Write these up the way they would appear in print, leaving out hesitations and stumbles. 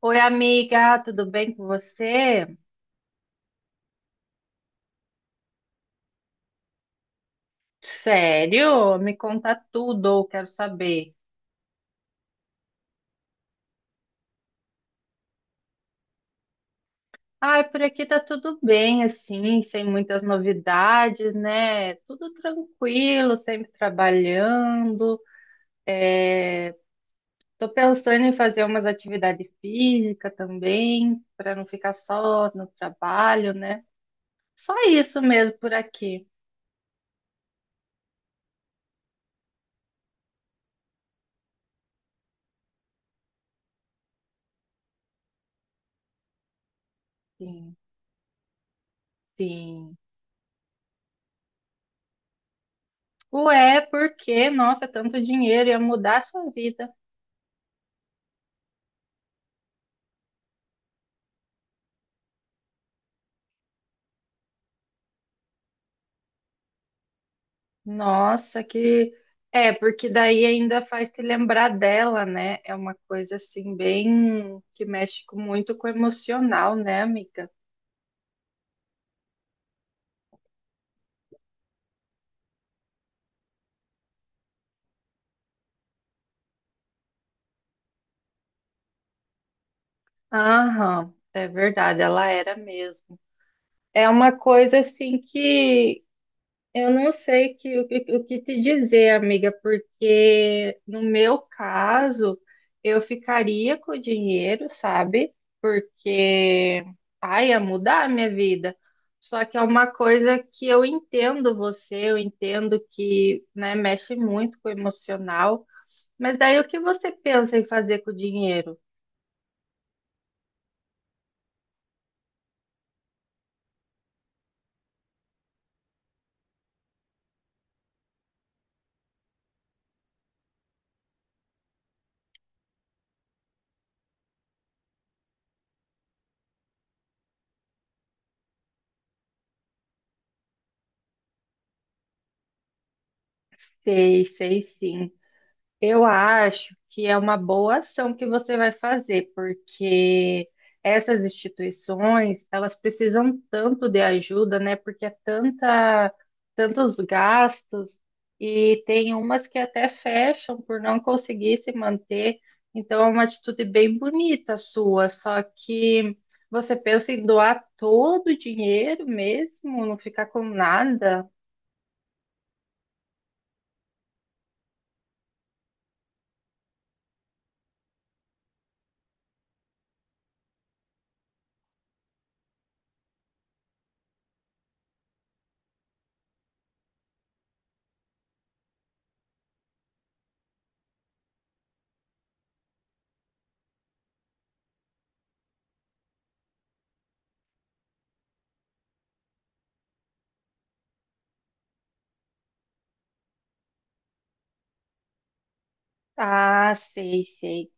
Oi, amiga, tudo bem com você? Sério? Me conta tudo, eu quero saber. Ai, por aqui tá tudo bem, assim, sem muitas novidades, né? Tudo tranquilo, sempre trabalhando. Tô pensando em fazer umas atividades físicas também, para não ficar só no trabalho, né? Só isso mesmo por aqui. Sim, sim. Ué, por quê? Nossa, tanto dinheiro ia mudar a sua vida. Nossa, que. É, porque daí ainda faz te lembrar dela, né? É uma coisa assim, bem. Que muito com o emocional, né, amiga? Aham, é verdade, ela era mesmo. É uma coisa assim que. Eu não sei que- o, que o que te dizer, amiga, porque no meu caso, eu ficaria com o dinheiro, sabe? Porque, ai, ia mudar a minha vida. Só que é uma coisa que eu entendo você, eu entendo que, né, mexe muito com o emocional. Mas daí o que você pensa em fazer com o dinheiro? Sei, sei sim. Eu acho que é uma boa ação que você vai fazer, porque essas instituições, elas precisam tanto de ajuda, né? Porque é tanta, tantos gastos e tem umas que até fecham por não conseguir se manter. Então é uma atitude bem bonita sua, só que você pensa em doar todo o dinheiro mesmo, não ficar com nada? Ah, sei, sei.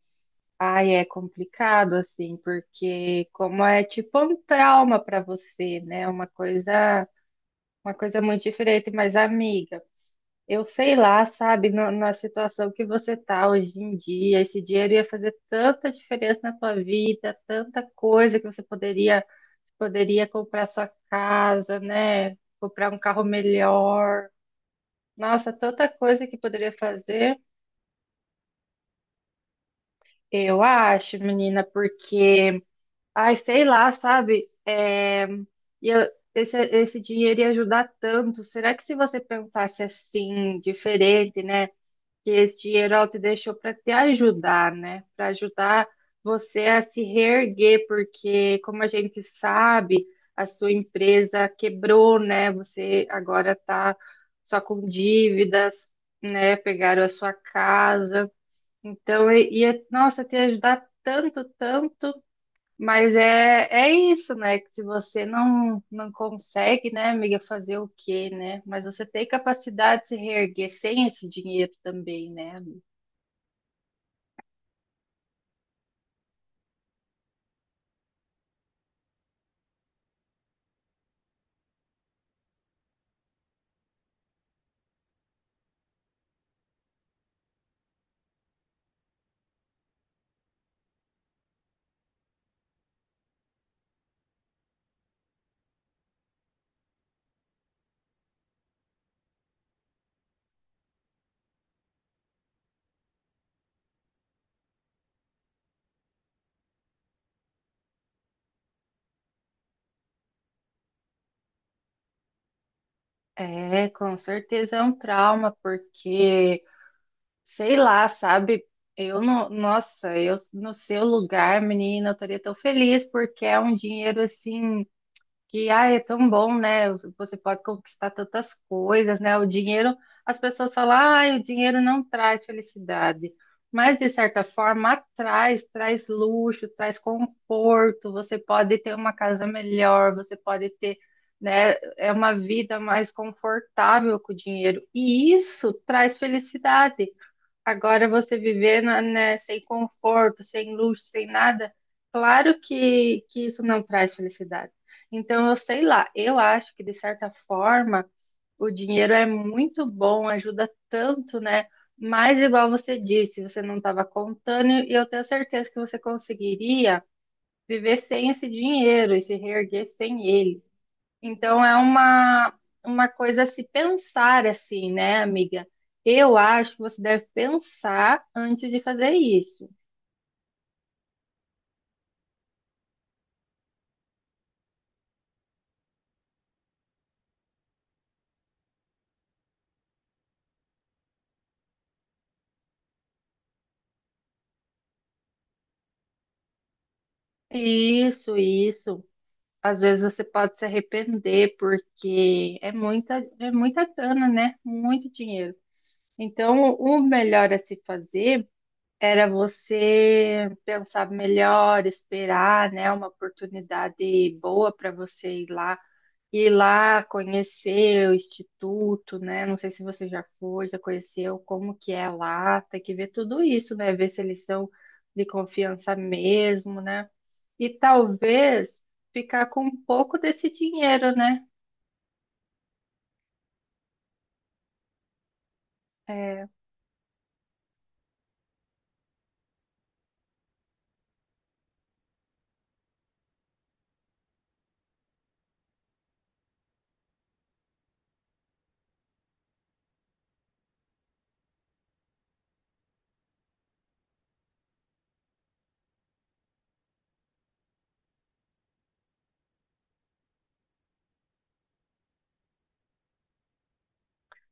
Ai, é complicado assim, porque como é tipo um trauma para você, né? Uma coisa muito diferente, mas amiga, eu sei lá, sabe, na situação que você tá hoje em dia, esse dinheiro ia fazer tanta diferença na tua vida, tanta coisa que você poderia comprar sua casa, né? Comprar um carro melhor. Nossa, tanta coisa que poderia fazer. Eu acho, menina, porque ai, sei lá, sabe? E eu- Esse, esse dinheiro ia ajudar tanto. Será que se você pensasse assim, diferente, né? Que esse dinheiro ela te deixou para te ajudar, né? Para ajudar você a se reerguer, porque como a gente sabe, a sua empresa quebrou, né? Você agora tá só com dívidas, né? Pegaram a sua casa. Então, ia, nossa, te ajudar tanto, tanto. Mas é, é isso, né? Que se você não, não consegue, né, amiga, fazer o quê, né? Mas você tem capacidade de se reerguer sem esse dinheiro também, né? É, com certeza é um trauma, porque, sei lá, sabe? Eu não, nossa, eu no seu lugar, menina, eu estaria tão feliz, porque é um dinheiro assim que ah, é tão bom, né? Você pode conquistar tantas coisas, né? O dinheiro, as pessoas falam, ah, o dinheiro não traz felicidade, mas de certa forma traz, traz luxo, traz conforto. Você pode ter uma casa melhor, você pode ter, né? É uma vida mais confortável com o dinheiro e isso traz felicidade. Agora você viver né, sem conforto, sem luxo, sem nada, claro que isso não traz felicidade. Então, eu sei lá, eu acho que de certa forma o dinheiro é muito bom, ajuda tanto, né? Mas, igual você disse, você não estava contando, e eu tenho certeza que você conseguiria viver sem esse dinheiro e se reerguer sem ele. Então é uma coisa a se pensar assim, né, amiga? Eu acho que você deve pensar antes de fazer isso. Isso, isso. Às vezes você pode se arrepender porque é muita grana, né? Muito dinheiro. Então, o melhor a se fazer era você pensar melhor, esperar, né, uma oportunidade boa para você ir lá conhecer o instituto, né? Não sei se você já foi, já conheceu, como que é lá, tem que ver tudo isso, né? Ver se eles são de confiança mesmo, né? E talvez ficar com um pouco desse dinheiro, né? É,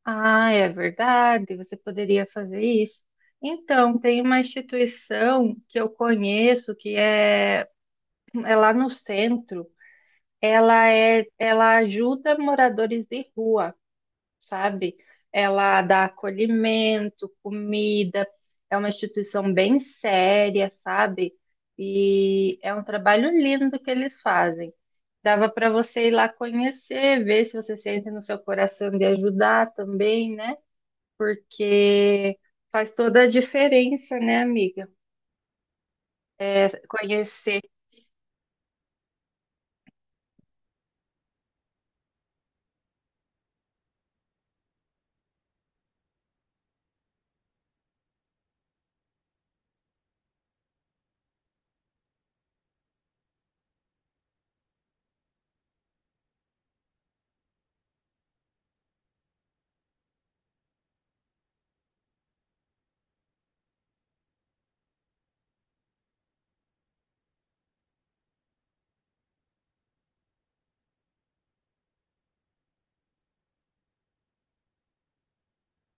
ah, é verdade, você poderia fazer isso. Então, tem uma instituição que eu conheço é lá no centro. Ela ajuda moradores de rua. Sabe? Ela dá acolhimento, comida, é uma instituição bem séria, sabe? E é um trabalho lindo que eles fazem. Dava para você ir lá conhecer, ver se você sente no seu coração de ajudar também, né? Porque faz toda a diferença, né, amiga? É, conhecer.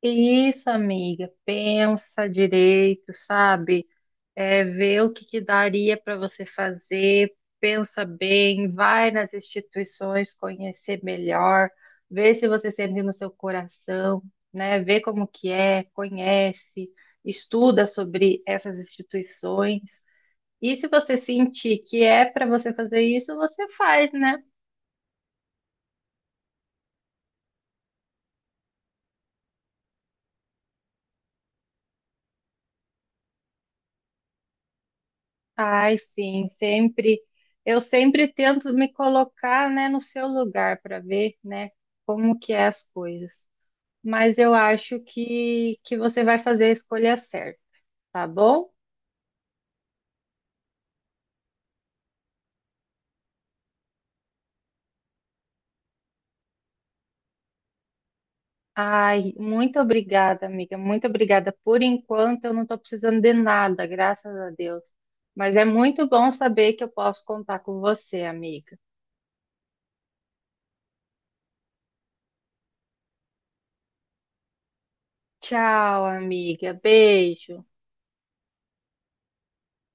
Isso, amiga, pensa direito, sabe? É, vê o que que daria para você fazer, pensa bem, vai nas instituições conhecer melhor, vê se você sente no seu coração, né? Vê como que é, conhece, estuda sobre essas instituições. E se você sentir que é para você fazer isso, você faz, né? Ai, sim, sempre. Eu sempre tento me colocar, né, no seu lugar para ver, né, como que é as coisas. Mas eu acho que você vai fazer a escolha certa, tá bom? Ai, muito obrigada, amiga. Muito obrigada. Por enquanto, eu não estou precisando de nada, graças a Deus. Mas é muito bom saber que eu posso contar com você, amiga. Tchau, amiga. Beijo.